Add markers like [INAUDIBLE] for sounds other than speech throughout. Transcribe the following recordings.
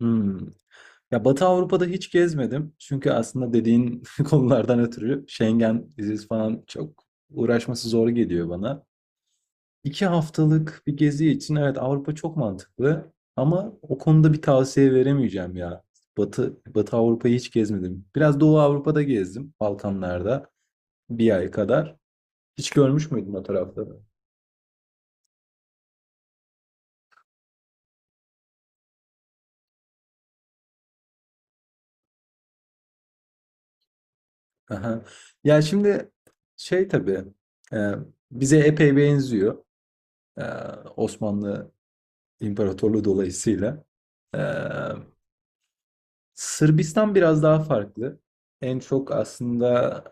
Hmm. Ya, Batı Avrupa'da hiç gezmedim. Çünkü aslında dediğin [LAUGHS] konulardan ötürü Schengen vizesi falan çok uğraşması zor geliyor bana. 2 haftalık bir gezi için evet Avrupa çok mantıklı ama o konuda bir tavsiye veremeyeceğim ya. Batı Avrupa'yı hiç gezmedim. Biraz Doğu Avrupa'da gezdim, Balkanlarda 1 ay kadar. Hiç görmüş müydün o tarafları? Aha. Ya şimdi şey tabii e, bize epey benziyor. E, Osmanlı İmparatorluğu dolayısıyla. Ee, Sırbistan biraz daha farklı. En çok aslında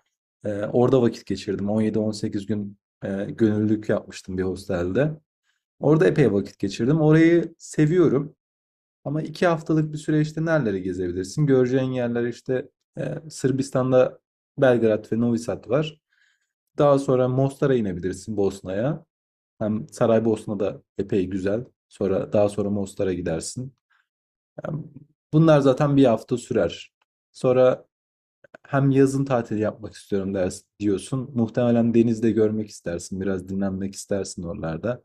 orada vakit geçirdim. 17-18 gün gönüllülük yapmıştım bir hostelde. Orada epey vakit geçirdim. Orayı seviyorum. Ama 2 haftalık bir süreçte nereleri gezebilirsin? Göreceğin yerler işte Sırbistan'da Belgrad ve Novi Sad var. Daha sonra Mostar'a inebilirsin Bosna'ya. Hem Saraybosna da epey güzel. Sonra daha sonra Mostar'a gidersin. Yani bunlar zaten 1 hafta sürer. Sonra hem yazın tatili yapmak istiyorum ders diyorsun. Muhtemelen denizde görmek istersin, biraz dinlenmek istersin oralarda.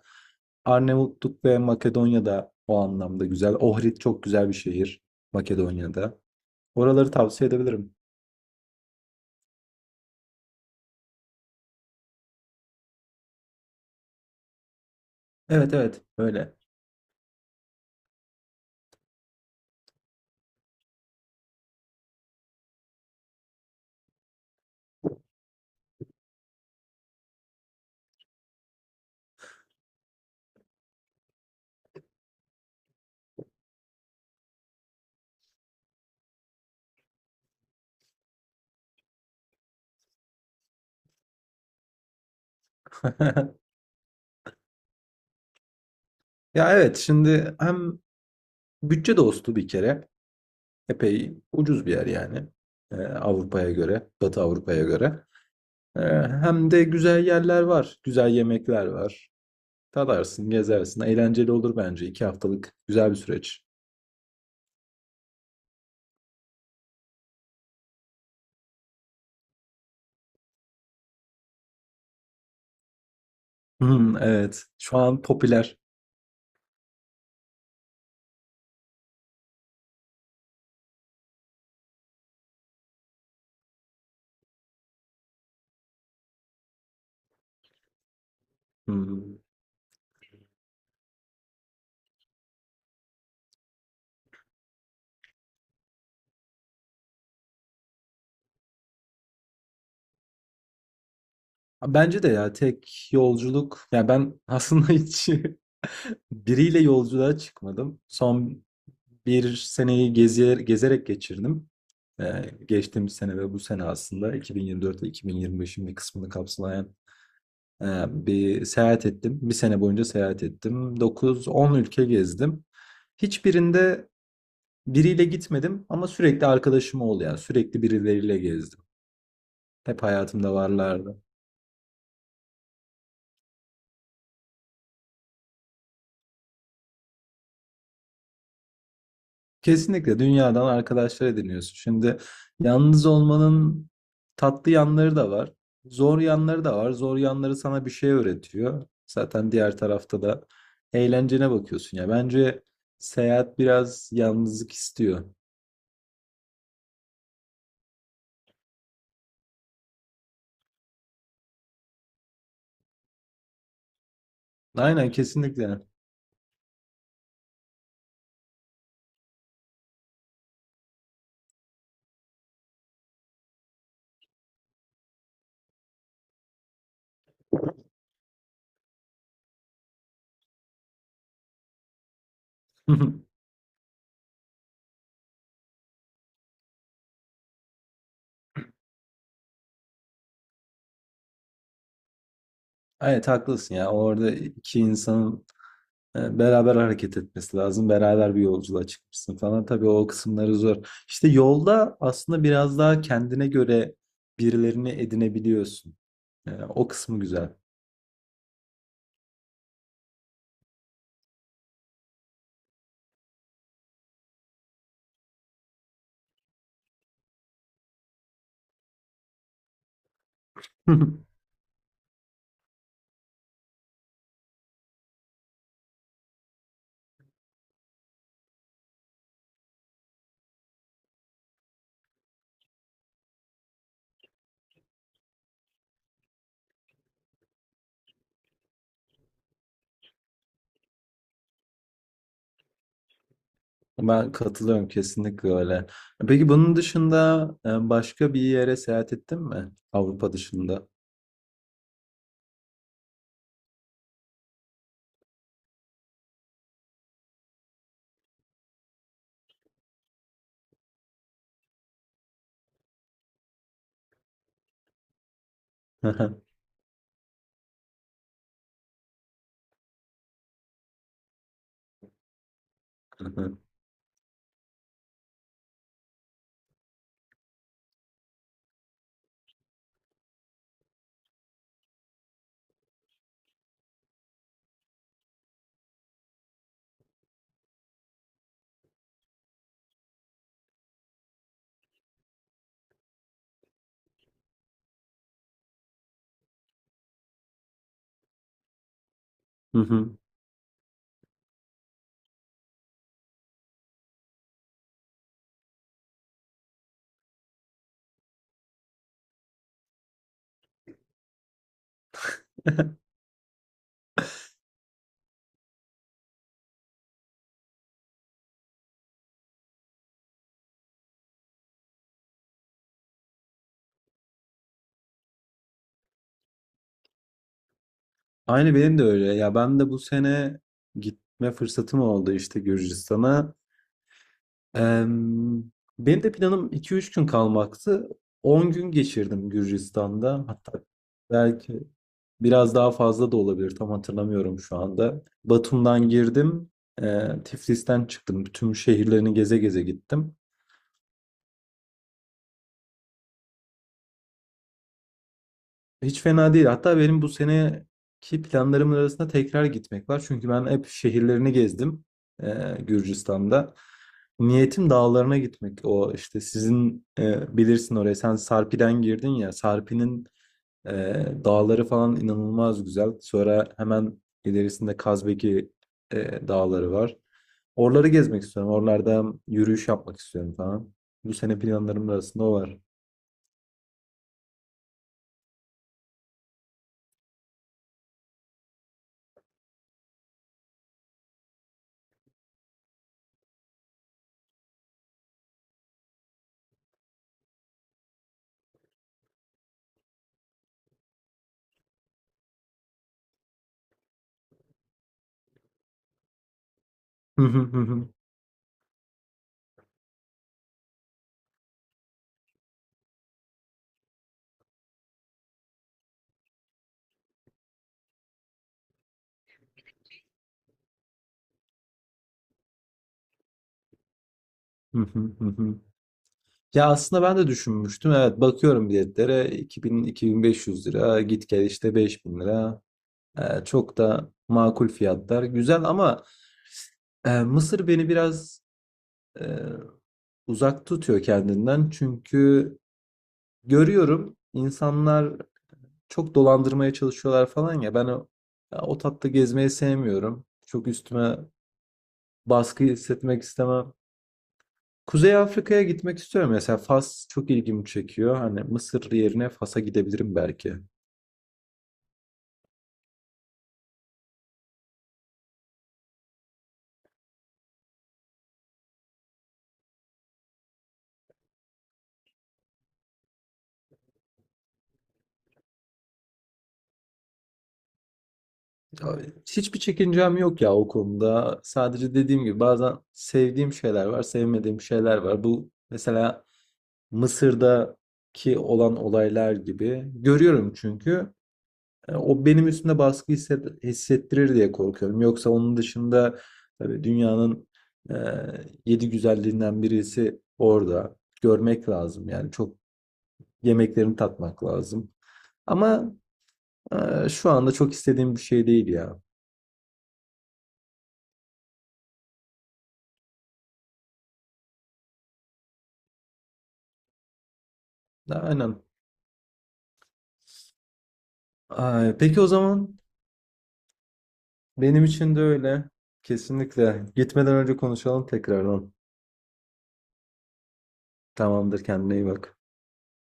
Arnavutluk ve Makedonya'da o anlamda güzel. Ohrid çok güzel bir şehir Makedonya'da. Oraları tavsiye edebilirim. Evet, evet, öyle. [LAUGHS] Ya evet şimdi hem bütçe dostu bir kere epey ucuz bir yer yani. Avrupa'ya göre, Batı Avrupa'ya göre. Ee, Hem de güzel yerler var, güzel yemekler var, tadarsın gezersin, eğlenceli olur bence 2 haftalık güzel bir süreç. Hmm, evet. Şu an popüler. Hmm. Bence de ya tek yolculuk. Ya ben aslında hiç [LAUGHS] biriyle yolculuğa çıkmadım. Son bir seneyi gezerek geçirdim. Ee, Geçtiğimiz sene ve bu sene aslında 2024 ile 2025'in bir kısmını kapsayan e, bir seyahat ettim. 1 sene boyunca seyahat ettim. 9-10 ülke gezdim. Hiçbirinde biriyle gitmedim ama sürekli arkadaşım oldu yani. Sürekli birileriyle gezdim. Hep hayatımda varlardı. Kesinlikle dünyadan arkadaşlar ediniyorsun. Şimdi yalnız olmanın tatlı yanları da var. Zor yanları da var. Zor yanları sana bir şey öğretiyor. Zaten diğer tarafta da eğlencene bakıyorsun ya. Bence seyahat biraz yalnızlık istiyor. Aynen, kesinlikle. [LAUGHS] Evet haklısın ya. Orada iki insanın beraber hareket etmesi lazım. Beraber bir yolculuğa çıkmışsın falan. Tabii o kısımları zor. İşte yolda aslında biraz daha kendine göre birilerini edinebiliyorsun. O kısmı güzel. [LAUGHS] Ben katılıyorum, kesinlikle öyle. Peki bunun dışında başka bir yere seyahat ettin mi? Avrupa dışında. [LAUGHS] Hı hı. [LAUGHS] Aynı benim de öyle. Ya ben de bu sene gitme fırsatım oldu işte Gürcistan'a. Em, Benim de planım 2 3 gün kalmaktı. 10 gün geçirdim Gürcistan'da. Hatta belki biraz daha fazla da olabilir. Tam hatırlamıyorum şu anda. Batum'dan girdim. Tiflis'ten çıktım. Tüm şehirlerini geze geze gittim. Hiç fena değil. Hatta benim bu seneki planlarımın arasında tekrar gitmek var. Çünkü ben hep şehirlerini gezdim Gürcistan'da. Niyetim dağlarına gitmek. O işte sizin bilirsin oraya. Sen Sarpi'den girdin ya. Sarpi'nin e, dağları falan inanılmaz güzel. Sonra hemen ilerisinde Kazbeki dağları var. Oraları gezmek istiyorum. Oralarda yürüyüş yapmak istiyorum falan. Bu sene planlarımın arasında o var. Hı hı, hı hı. Hı hı, hı hı. Ya aslında ben de düşünmüştüm. Evet bakıyorum biletlere 2000-2500 lira git gel işte 5000 lira. Çok da makul fiyatlar. Güzel ama Mısır beni biraz e, uzak tutuyor kendinden. Çünkü görüyorum insanlar çok dolandırmaya çalışıyorlar falan ya ben ya o tatta gezmeyi sevmiyorum. Çok üstüme baskı hissetmek istemem. Kuzey Afrika'ya gitmek istiyorum. Mesela Fas çok ilgimi çekiyor. Hani Mısır yerine Fas'a gidebilirim belki. Ya, hiçbir çekincem yok ya o konuda. Sadece dediğim gibi bazen sevdiğim şeyler var, sevmediğim şeyler var. Bu mesela Mısır'daki olan olaylar gibi. Görüyorum çünkü. O benim üstümde baskı hissettirir diye korkuyorum. Yoksa onun dışında tabii dünyanın e, yedi güzelliğinden birisi orada. Görmek lazım yani çok yemeklerini tatmak lazım. Ama şu anda çok istediğim bir şey değil ya. Aynen. Ay, peki o zaman benim için de öyle. Kesinlikle. Gitmeden önce konuşalım tekrardan. Tamamdır, kendine iyi bak.